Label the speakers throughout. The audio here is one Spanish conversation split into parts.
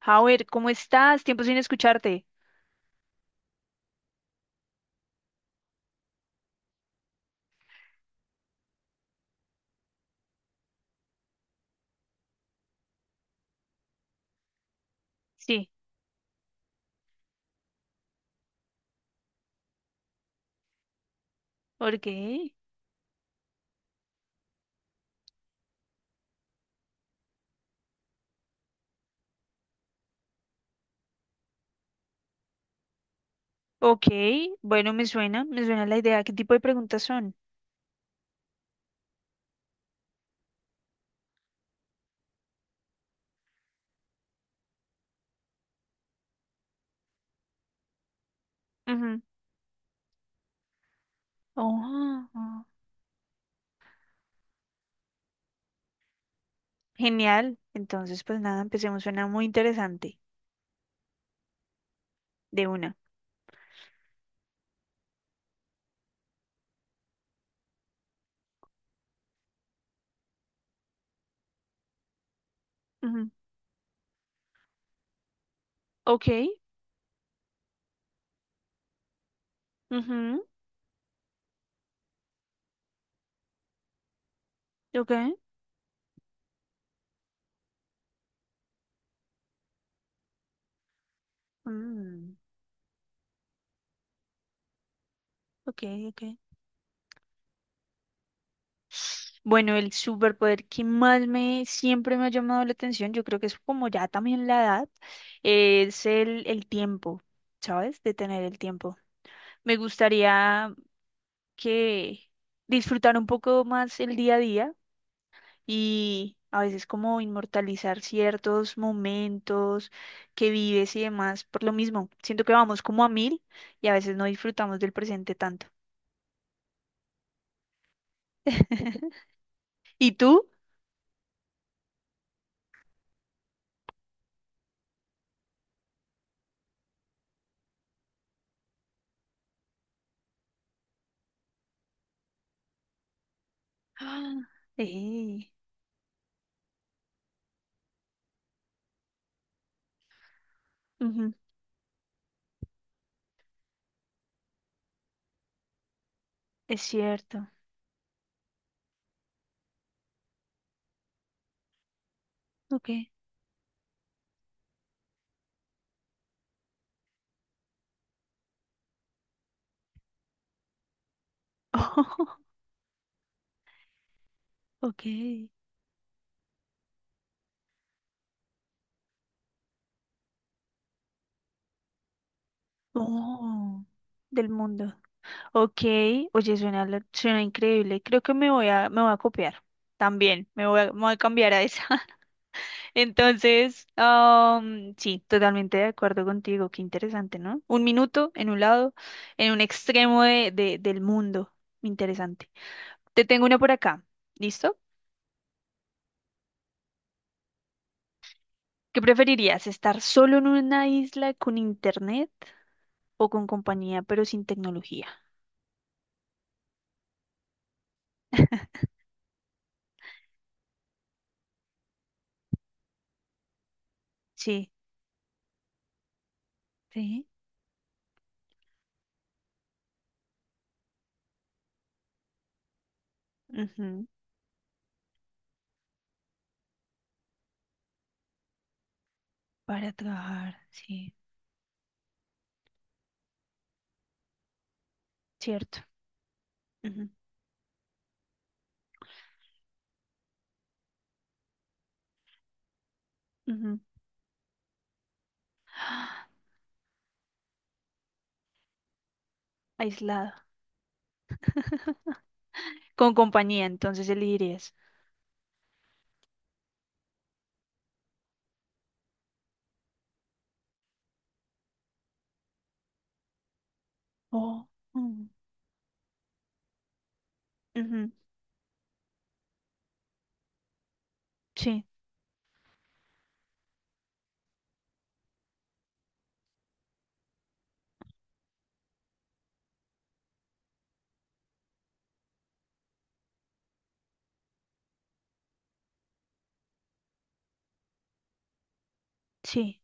Speaker 1: Howard, ¿cómo estás? Tiempo sin escucharte. Sí, ok. Ok, bueno, me suena la idea. ¿Qué tipo de preguntas son? Ujú. Oh, oh, genial. Entonces, pues nada, empecemos. Suena muy interesante. De una. Ujú. Ok, ujú, ok. mm, ok, ok. Bueno, el superpoder que más me siempre me ha llamado la atención, yo creo que es como ya también la edad, es el tiempo, ¿sabes? Detener el tiempo. Me gustaría que disfrutar un poco más el día a día y a veces como inmortalizar ciertos momentos que vives y demás por lo mismo. Siento que vamos como a mil y a veces no disfrutamos del presente tanto. ¿Y tú? Ah, ey, ujú, es cierto. Ok. Ok. Oh, del mundo. Ok, oye, suena, suena increíble. Creo que me voy a copiar también. Me voy a cambiar a esa. Entonces, sí, totalmente de acuerdo contigo. Qué interesante, ¿no? Un minuto en un lado, en un extremo del mundo. Interesante. Te tengo una por acá. ¿Listo? ¿Qué preferirías? ¿Estar solo en una isla con internet o con compañía, pero sin tecnología? Sí. Sí. Ujú. Para trabajar, sí. Cierto. Ujú, ujú. Aislado. Con compañía, entonces elegirías. Oh. mm, ujú, sí, sí.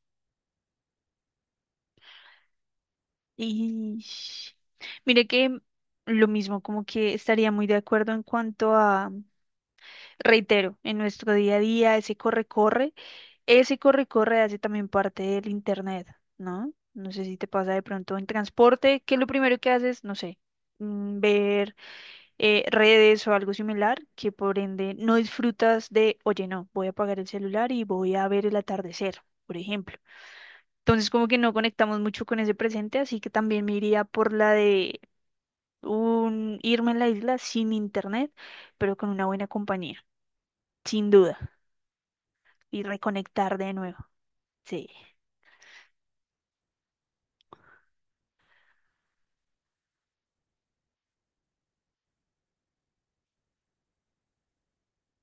Speaker 1: Y Mire que lo mismo, como que estaría muy de acuerdo en cuanto a, reitero, en nuestro día a día, ese corre-corre hace también parte del internet, ¿no? No sé si te pasa de pronto en transporte, que lo primero que haces, no sé, ver redes o algo similar, que por ende no disfrutas de, oye, no, voy a apagar el celular y voy a ver el atardecer, por ejemplo. Entonces, como que no conectamos mucho con ese presente, así que también me iría por la de un irme a la isla sin internet, pero con una buena compañía, sin duda, y reconectar de nuevo. Sí.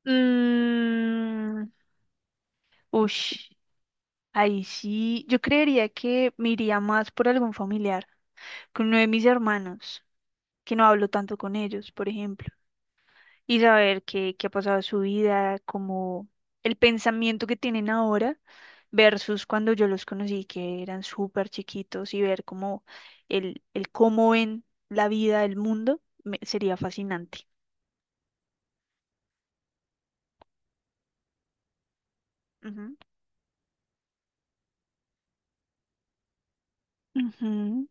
Speaker 1: Mm, ush, ahí sí, yo creería que me iría más por algún familiar, con uno de mis hermanos, que no hablo tanto con ellos, por ejemplo, y saber qué ha pasado en su vida, como el pensamiento que tienen ahora versus cuando yo los conocí, que eran súper chiquitos, y ver cómo el cómo ven la vida, el mundo, sería fascinante. Ujú. Ujú.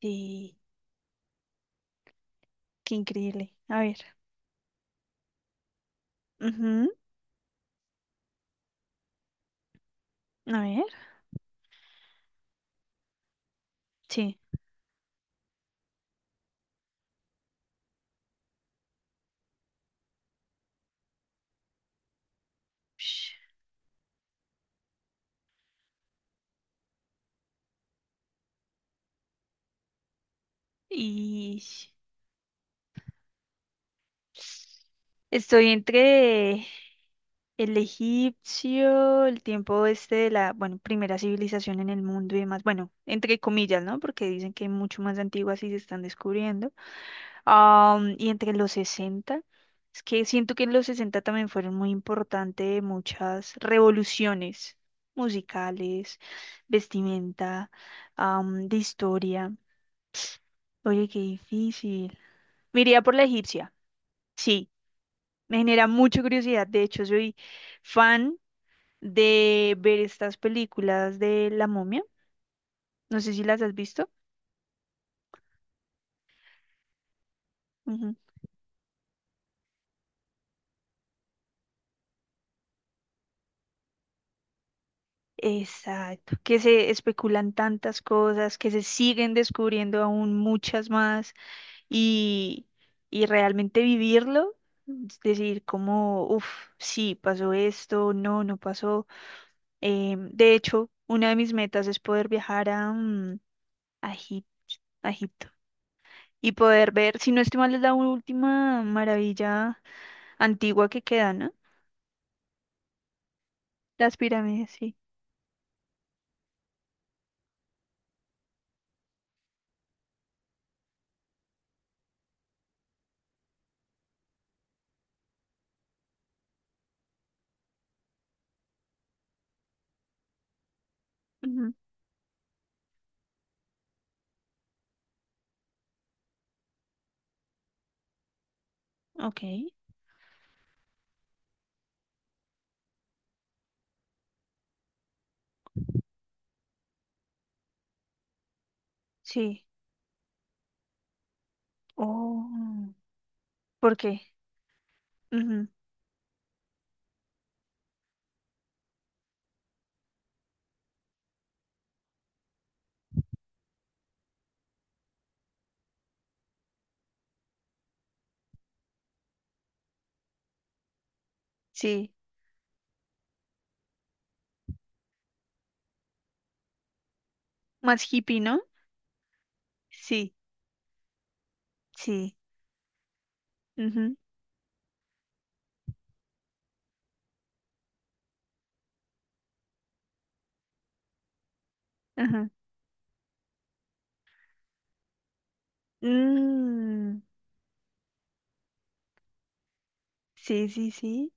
Speaker 1: Sí, qué increíble. A ver. Ujú. A ver. Sí. Ush. Y Estoy entre el egipcio, el tiempo este de la, bueno, primera civilización en el mundo y demás. Bueno, entre comillas, ¿no? Porque dicen que hay mucho más antiguas y se están descubriendo. Y entre los sesenta. Es que siento que en los 60 también fueron muy importantes muchas revoluciones musicales, vestimenta, de historia. Oye, qué difícil. Me iría por la egipcia. Sí. Me genera mucha curiosidad. De hecho, soy fan de ver estas películas de La Momia. No sé si las has visto. Ujú. Exacto. Que se especulan tantas cosas, que se siguen descubriendo aún muchas más y, y realmente vivirlo. Es decir como, uff, sí, pasó esto, no, no pasó. De hecho, una de mis metas es poder viajar a, a Egip- a Egipto, y poder ver, si no estoy mal, es la última maravilla antigua que queda, ¿no? Las pirámides, sí. Ujú. Ok, sí. Oh, ¿por qué? Ujú, sí, más hippie, ¿no? Sí, sí, ujú, ajá. Mm, sí, sí, sí.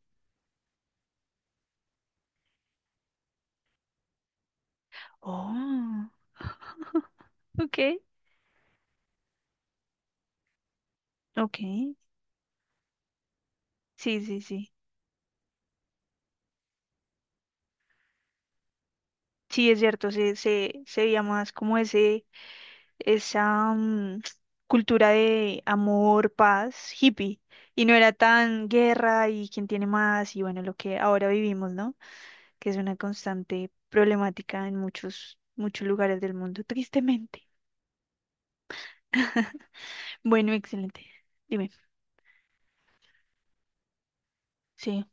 Speaker 1: Oh, ok, ok. Sí, sí, sí. Sí, es cierto, se veía más como ese, esa cultura de amor, paz, hippie, y no era tan guerra y quién tiene más, y bueno, lo que ahora vivimos, ¿no? Que es una constante problemática en muchos, muchos lugares del mundo, tristemente. Bueno, excelente. Dime. Sí,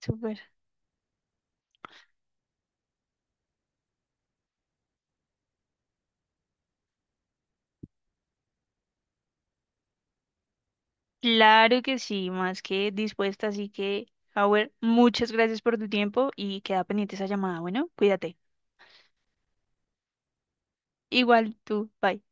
Speaker 1: súper. Claro que sí, más que dispuesta, así que, Howard, muchas gracias por tu tiempo y queda pendiente esa llamada. Bueno, cuídate. Igual tú, bye.